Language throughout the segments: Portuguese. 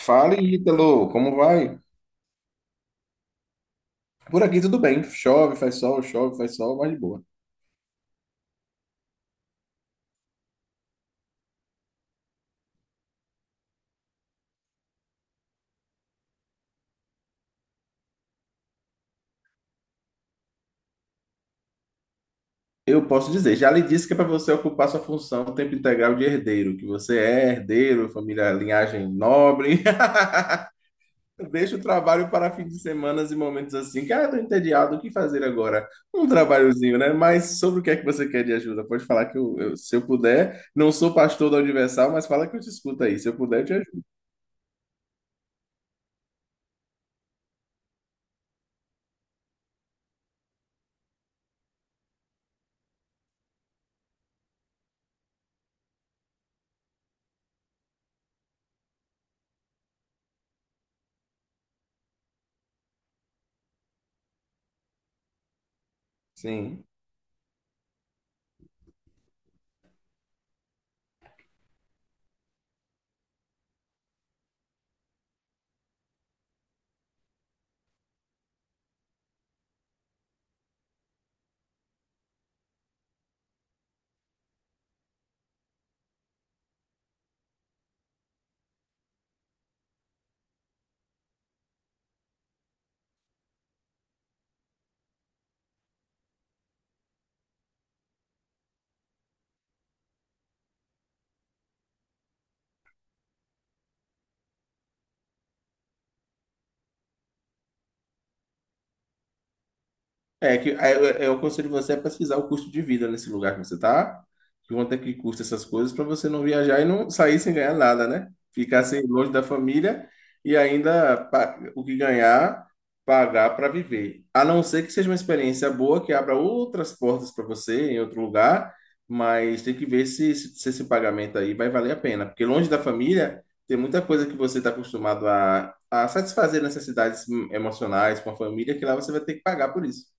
Fala, Ítalo, como vai? Por aqui tudo bem. Chove, faz sol, mas de boa. Eu posso dizer, já lhe disse que é para você ocupar sua função o tempo integral de herdeiro, que você é herdeiro, família, linhagem nobre. Deixa o trabalho para fins de semanas e momentos assim. Cara, tô entediado, o que fazer agora? Um trabalhozinho, né? Mas sobre o que é que você quer de ajuda? Pode falar que eu se eu puder, não sou pastor da Universal, mas fala que eu te escuto aí. Se eu puder, eu te ajudo. Sim. É que aí eu aconselho você a pesquisar o custo de vida nesse lugar que você tá, quanto é que custa essas coisas para você não viajar e não sair sem ganhar nada, né? Ficar sem longe da família e ainda o que ganhar, pagar para viver. A não ser que seja uma experiência boa que abra outras portas para você em outro lugar, mas tem que ver se esse pagamento aí vai valer a pena, porque longe da família tem muita coisa que você está acostumado a satisfazer necessidades emocionais com a família que lá você vai ter que pagar por isso.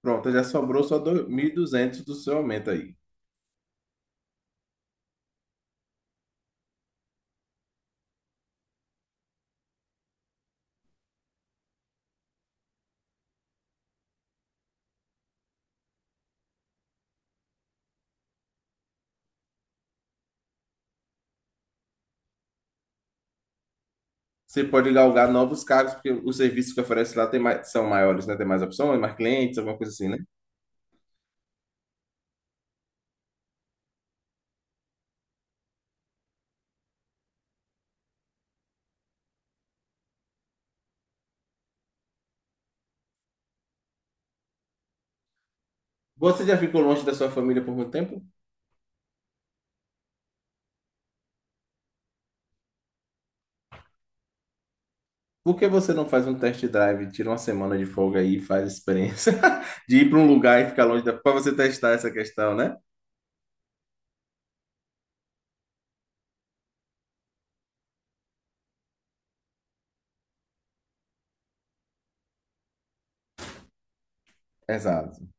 Pronto, já sobrou só 1.200 do seu aumento aí. Você pode galgar novos cargos, porque os serviços que oferece lá tem mais- são maiores, né? Tem mais opções, mais clientes, alguma coisa assim, né? Você já ficou longe da sua família por muito tempo? Por que você não faz um test drive, tira uma semana de folga aí e faz a experiência de ir para um lugar e ficar longe da... para você testar essa questão, né? Exato.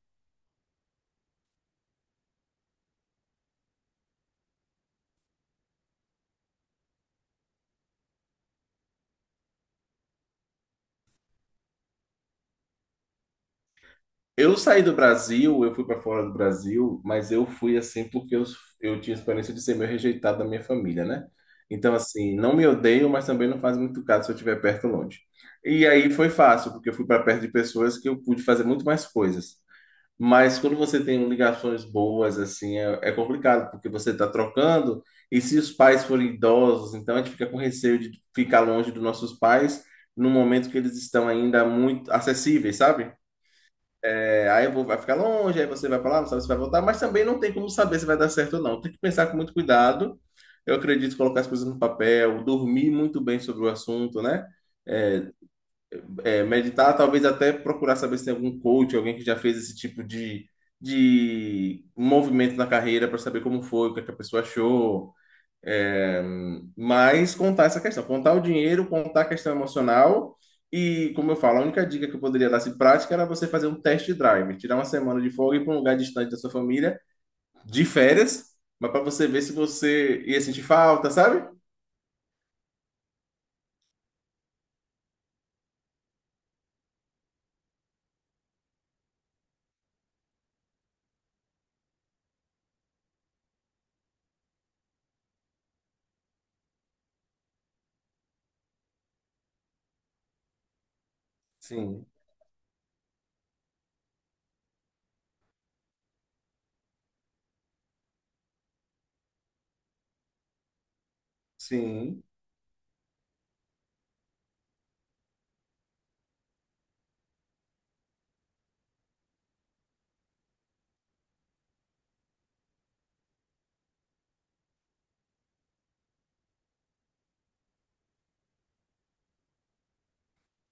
Eu saí do Brasil, eu fui para fora do Brasil, mas eu fui assim porque eu tinha experiência de ser meio rejeitado da minha família, né? Então, assim, não me odeio, mas também não faz muito caso se eu estiver perto ou longe. E aí foi fácil, porque eu fui para perto de pessoas que eu pude fazer muito mais coisas. Mas quando você tem ligações boas, assim, é complicado, porque você está trocando, e se os pais forem idosos, então a gente fica com receio de ficar longe dos nossos pais num momento que eles estão ainda muito acessíveis, sabe? É, aí eu vai ficar longe, aí você vai pra lá, não sabe se vai voltar, mas também não tem como saber se vai dar certo ou não. Tem que pensar com muito cuidado. Eu acredito em colocar as coisas no papel, dormir muito bem sobre o assunto, né? É, Meditar, talvez até procurar saber se tem algum coach, alguém que já fez esse tipo de movimento na carreira para saber como foi, o que é que a pessoa achou. É, mas contar essa questão, contar o dinheiro, contar a questão emocional e, como eu falo, a única dica que eu poderia dar se prática era você fazer um test drive, tirar uma semana de folga e ir para um lugar distante da sua família, de férias, mas para você ver se você ia sentir falta, sabe? Sim. Sim.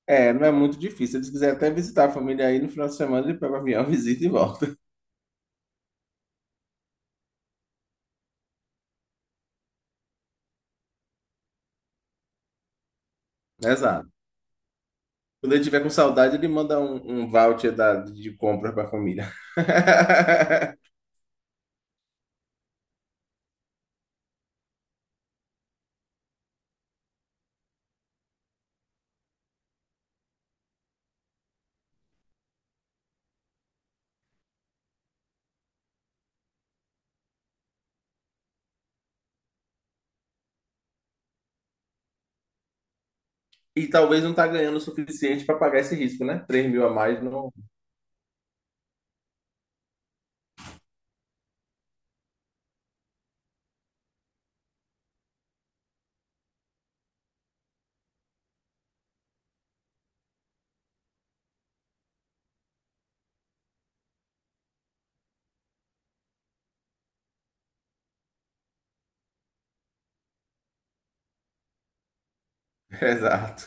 É, não é muito difícil. Se eles quiserem até visitar a família aí no final de semana, ele pega o avião, visita e volta. Exato. Quando ele tiver com saudade, ele manda um voucher de compras para a família. E talvez não tá ganhando o suficiente para pagar esse risco, né? 3.000 a mais não. Exato.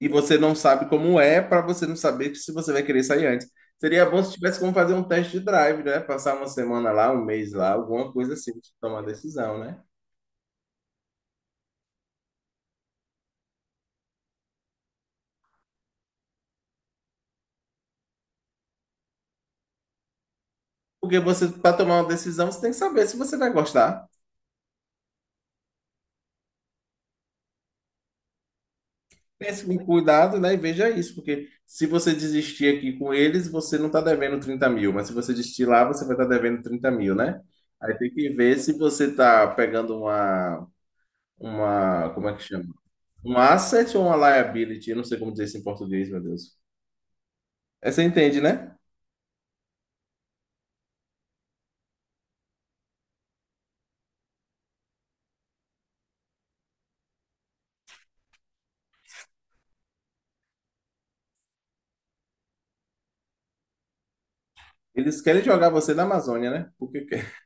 E você não sabe como é para você não saber se você vai querer sair antes. Seria bom se tivesse como fazer um teste de drive, né? Passar uma semana lá, um mês lá, alguma coisa assim, pra tomar decisão, né? Porque você, para tomar uma decisão, você tem que saber se você vai gostar. Pense com cuidado, né? E veja isso, porque se você desistir aqui com eles, você não está devendo 30.000, mas se você desistir lá, você vai estar devendo 30.000, né? Aí tem que ver se você está pegando uma, como é que chama? Um asset ou uma liability? Eu não sei como dizer isso em português, meu Deus. É, você entende, né? Eles querem jogar você na Amazônia, né? Porque quer.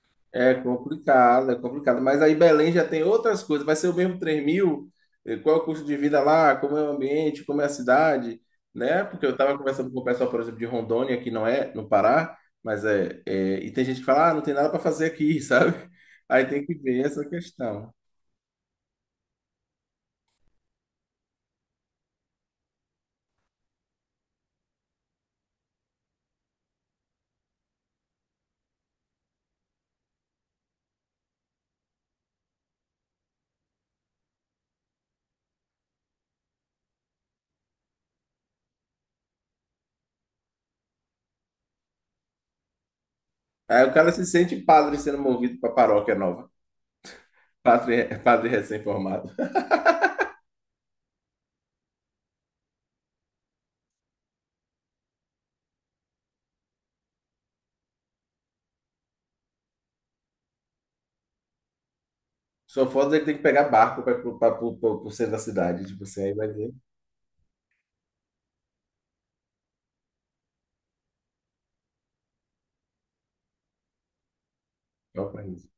É complicado, é complicado. Mas aí Belém já tem outras coisas. Vai ser o mesmo 3 mil? Qual é o custo de vida lá? Como é o ambiente? Como é a cidade? Né? Porque eu estava conversando com o pessoal, por exemplo, de Rondônia, que não é no Pará, mas e tem gente que fala, ah, não tem nada para fazer aqui, sabe? Aí tem que ver essa questão. Aí o cara se sente padre sendo movido para paróquia nova. Padre, padre recém-formado. Só foda ele tem que pegar barco para o centro da cidade. Tipo assim, aí vai ver. Ó, pra isso.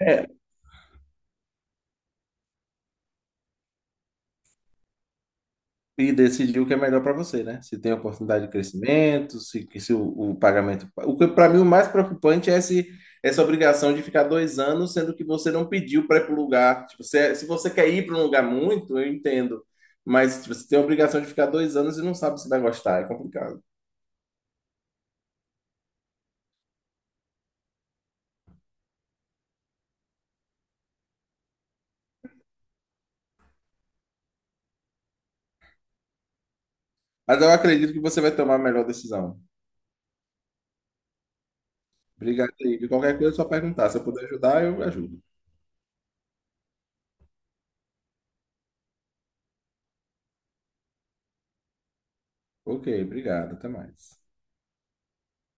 É, e decidir o que é melhor para você, né? Se tem oportunidade de crescimento, se, que se o, o pagamento. O que para mim o mais preocupante é esse, essa obrigação de ficar 2 anos, sendo que você não pediu para ir para o lugar. Tipo, se você quer ir para um lugar muito, eu entendo. Mas tipo, você tem a obrigação de ficar 2 anos e não sabe se vai gostar, é complicado. Mas eu acredito que você vai tomar a melhor decisão. Obrigado aí. De qualquer coisa, é só perguntar. Se eu puder ajudar, eu ajudo. Ok, obrigado. Até mais.